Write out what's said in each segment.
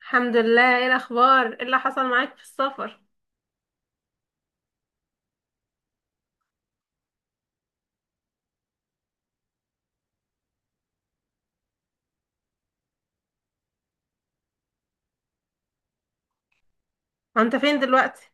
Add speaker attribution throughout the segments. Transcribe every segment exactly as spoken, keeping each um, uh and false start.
Speaker 1: الحمد لله، ايه الاخبار؟ ايه اللي حصل معاك في السفر؟ وانت فين دلوقتي؟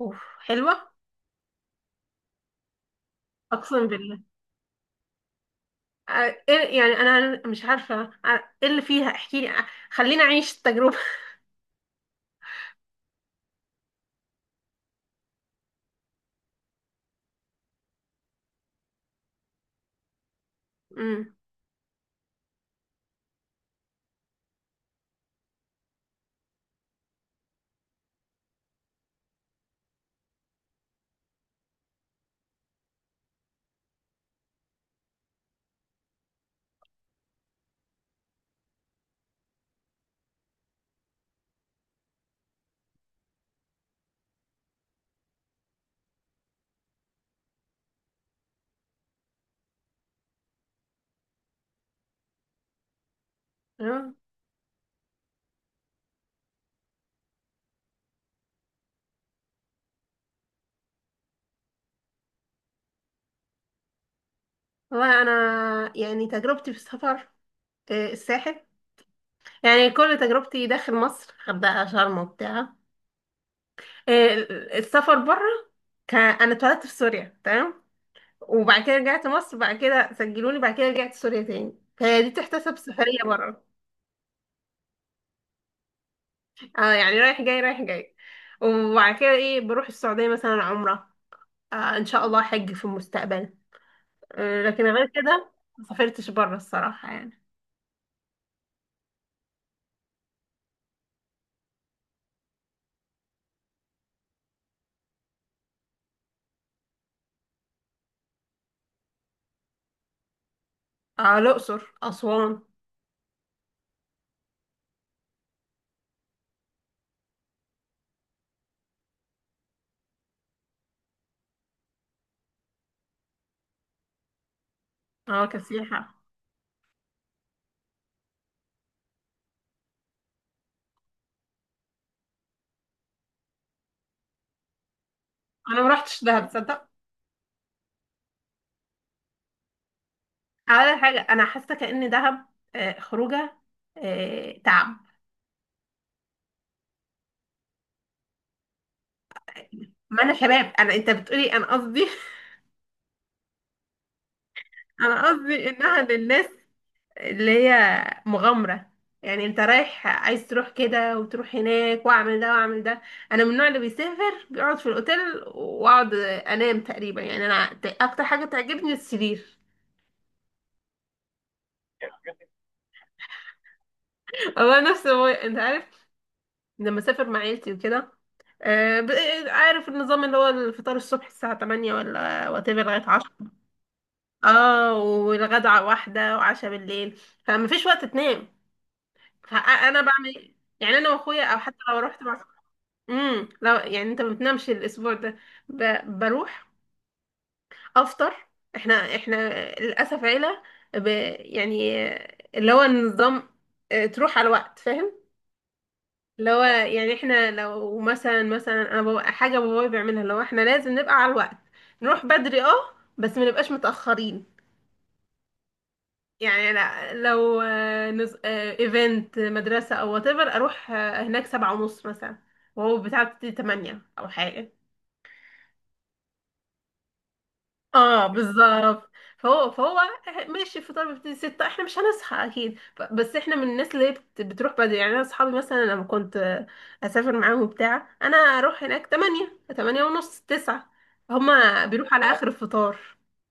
Speaker 1: اوف حلوة. اقسم بالله. آه، ايه يعني انا مش عارفة. آه، ايه اللي فيها؟ احكي لي. آه، خليني اعيش التجربة. امم تمام. والله انا يعني تجربتي في السفر آه، الساحل. يعني كل تجربتي داخل مصر، غردقة شرم وبتاع. آه، السفر بره، كان انا اتولدت في سوريا، تمام. وبعد كده رجعت مصر، بعد كده سجلوني، بعد كده رجعت سوريا تاني، فهي دي تحتسب سفرية بره. اه يعني رايح جاي رايح جاي. وبعد كده ايه، بروح السعودية مثلا عمرة. آه ان شاء الله حج في المستقبل. آه لكن غير كده ما سافرتش بره الصراحة يعني. اه الأقصر أسوان. اه كسياحة. انا ما رحتش دهب، تصدق. اول حاجة انا حاسة كأن دهب آه خروجة، آه تعب. ما انا شباب. انا انت بتقولي انا قصدي. انا قصدي انها للناس اللي هي مغامرة. يعني انت رايح عايز تروح كده وتروح هناك واعمل ده واعمل ده. انا من النوع اللي بيسافر بيقعد في الاوتيل، واقعد انام تقريبا. يعني انا ت- اكتر حاجة تعجبني السرير. هو نفس هو، انت عارف. لما اسافر مع عيلتي وكده، آه، ب- عارف النظام اللي هو الفطار الصبح الساعة تمانية ولا وات ايفر لغاية عشرة. اه والغدا واحدة، وعشاء بالليل. فما فيش وقت تنام. فانا بعمل يعني انا واخويا او حتى لو رحت مع. امم لا يعني انت ما بتنامش الاسبوع ده. ب... بروح افطر. احنا احنا للاسف عيله، ب... يعني اللي هو النظام، اه، تروح على الوقت، فاهم. اللي هو يعني احنا لو مثلا مثلا انا ببقى حاجه بابايا بيعملها، اللي هو احنا لازم نبقى على الوقت. نروح بدري، اه، بس ما نبقاش متاخرين. يعني لا، لو اه، نز... اه، ايفنت مدرسه او whatever، اروح اه، هناك سبعة ونص مثلا، وهو بتاع تمانية او حاجه. اه بالظبط. فهو فهو ماشي. الفطار بيبتدي ستة، احنا مش هنصحى اكيد، ف- بس احنا من الناس اللي هي بت- بتروح بدري. يعني انا اصحابي مثلا لما كنت اسافر معاهم بتاع، انا اروح هناك تمانية، تمانية ونص، تسعة. هما بيروحوا على اخر الفطار.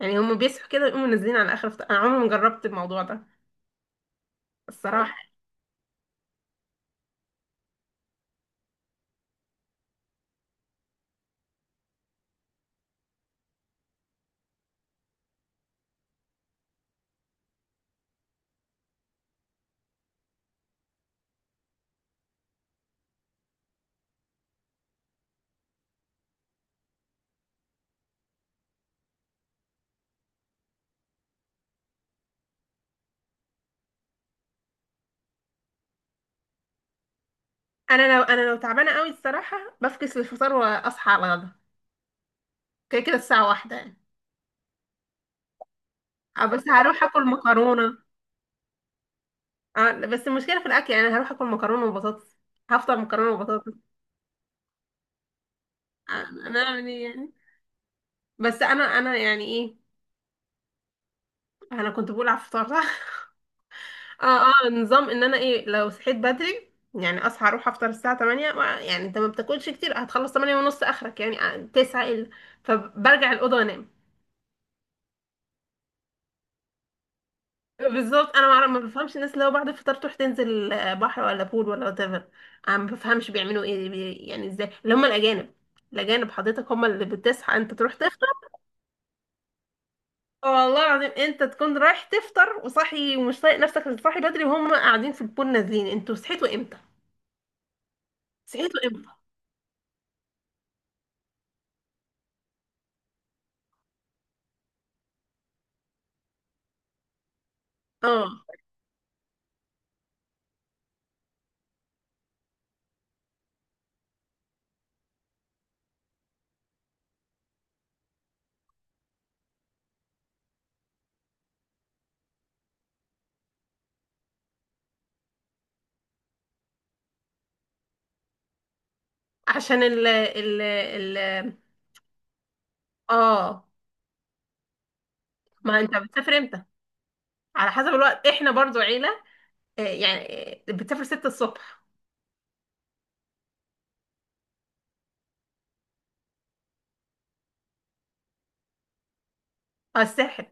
Speaker 1: يعني هما بيصحوا كده ويقوموا نازلين على اخر الفطار. انا عمري ما جربت الموضوع ده الصراحة. انا لو انا لو تعبانة قوي الصراحة بفكس الفطار واصحى على الغدا. كده كده الساعة واحدة يعني. آه، بس هروح اكل مكرونة. آه، بس المشكلة في الأكل. يعني أنا هروح أكل مكرونة وبطاطس. هفطر مكرونة وبطاطس. آه، أنا أعمل إيه يعني. بس أنا أنا يعني إيه، أنا كنت بقول على الفطار، صح؟ أه أه نظام إن أنا إيه، لو صحيت بدري يعني أصحى أروح أفطر الساعة تمانية، ما- يعني أنت ما بتاكلش كتير، هتخلص تمانية ونص آخرك، يعني آه، تسعة إلا. فبرجع الأوضة أنام. بالظبط. أنا ما أعرف- ما بفهمش الناس اللي هو بعد الفطار تروح تنزل آه، بحر ولا بول ولا وات ايفر. أنا ما بفهمش بيعملوا إيه، بي- يعني إزاي، اللي هم الأجانب. الأجانب حضرتك هم اللي بتصحى أنت تروح. والله العظيم انت تكون رايح تفطر وصاحي ومش طايق نفسك، صاحي بدري، وهم قاعدين في البول نازلين. انتوا صحيتوا امتى؟ صحيتوا امتى؟ اه عشان ال ال ال اه ما انت بتسافر امتى؟ على حسب الوقت. احنا برضو عيلة، اه، يعني اه، بتسافر ستة الصبح على الساحل،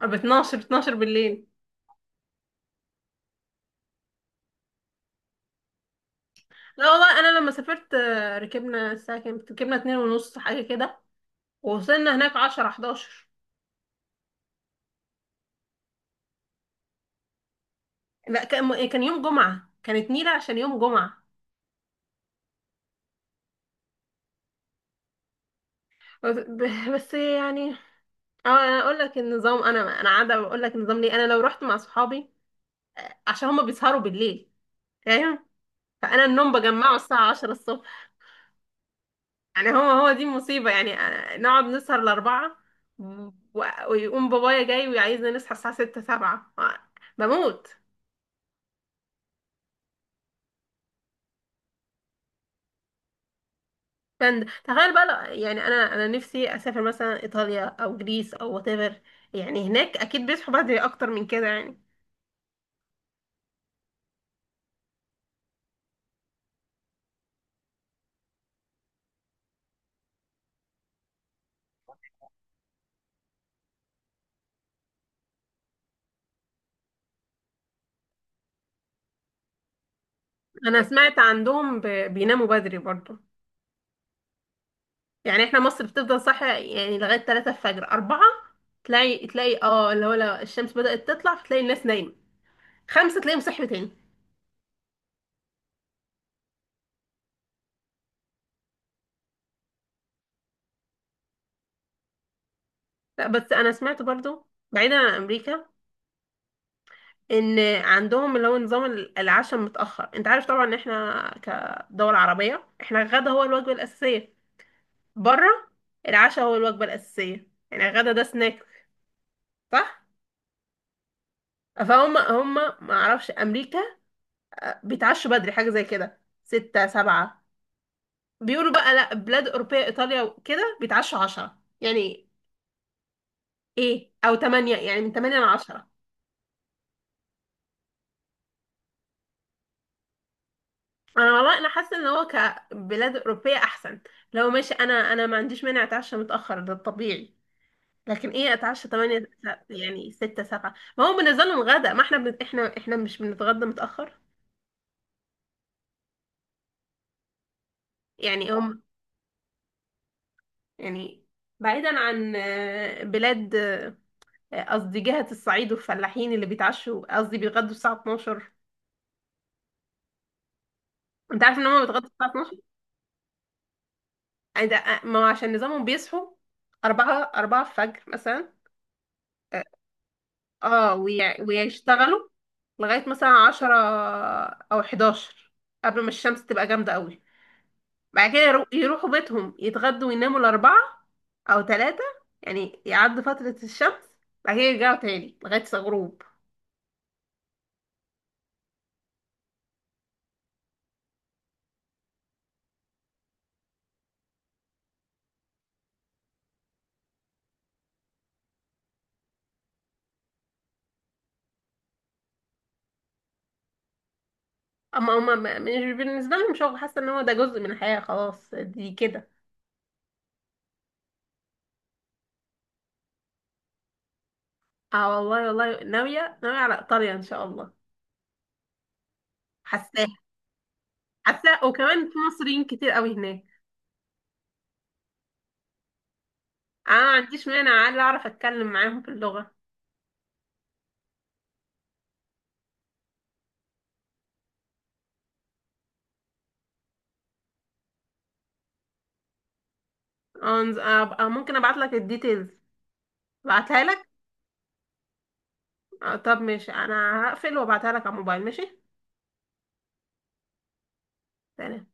Speaker 1: ب اتناشر، اتناشر بالليل. لا والله انا لما سافرت اه، ركبنا الساعة كام؟ ركبنا اتنين ونص حاجة كده. ووصلنا هناك عشرة، حداشر. لا كان كان يوم جمعة، كانت نيلة عشان يوم جمعة بس. بس يعني. أه انا اقول لك النظام. انا انا عاده بقول لك النظام ليه. انا لو رحت مع صحابي، عشان هما بيسهروا بالليل، فاهم، فانا النوم بجمعه الساعه عشرة الصبح. يعني هو هو دي المصيبه. يعني أنا- نقعد نسهر لاربعه، و- ويقوم بابايا جاي وعايزنا نصحى الساعه ستة، سبعة. بموت. فن- تخيل بقى لو- يعني انا انا نفسي اسافر مثلا ايطاليا او جريس او وات ايفر. يعني هناك اكيد بيصحوا بدري اكتر من كده يعني. انا سمعت عندهم ب- بيناموا بدري برضه. يعني احنا مصر بتفضل صاحية يعني لغاية ثلاثة الفجر، اربعة. تلاقي تلاقي اه اللي هو لو الشمس بدأت تطلع، فتلاقي الناس نايمة. خمسة تلاقيهم صحي تاني. لا بس انا سمعت برضو بعيدا عن امريكا، ان عندهم اللي هو نظام ال- العشاء متأخر. انت عارف طبعا ان احنا كدول عربية، احنا الغدا هو الوجبة الأساسية. بره العشاء هو الوجبة الأساسية، يعني الغدا ده سناك، صح؟ فهم هم ما اعرفش امريكا، آه، بيتعشوا بدري حاجة زي كده ستة سبعة. بيقولوا بقى لا بلاد أوروبية إيطاليا وكده بيتعشوا عشرة يعني، إيه، أو تمانية، يعني من تمانية لعشرة. أنا والله أنا حاسة إن هو كبلاد أوروبية أحسن. لو ماشي أنا أنا ما عنديش مانع أتعشى متأخر، ده الطبيعي. لكن إيه أتعشى تمانية، س- يعني ستة سبعة، ما هو بالنسبة لهم غدا. ما إحنا بن... إحنا إحنا مش بنتغدى متأخر يعني هم. يعني بعيدا عن آه، بلاد، آه، قصدي جهة الصعيد والفلاحين اللي بيتعشوا، قصدي بيتغدوا الساعة اتناشر. انت عارف ان هم بيتغدوا الساعة اتناشر؟ عند- ما هو عشان نظامهم بيصحوا أربعة، أربعة الفجر مثلا. اه وي- ويشتغلوا لغاية مثلا عشرة أو حداشر، قبل ما الشمس تبقى جامدة قوي. بعد كده يرو- يروحوا بيتهم يتغدوا ويناموا الأربعة أو تلاتة، يعني يعدوا فترة الشمس، بعد كده يرجعوا تاني لغاية الغروب. أما هما ما- مش بالنسبة لهم شغل، حاسة إن هو ده جزء من الحياة خلاص دي كده. اه والله والله ناوية ناوية على إيطاليا إن شاء الله. حاساها. حاساها وكمان في مصريين كتير قوي هناك. اه ما عنديش مانع عادي، اعرف اتكلم معاهم في اللغة. اه نز- ابقى ممكن ابعت لك الديتيلز، ابعتها لك. آه، طب ماشي، انا هقفل وابعتها لك على الموبايل، ماشي. سلام.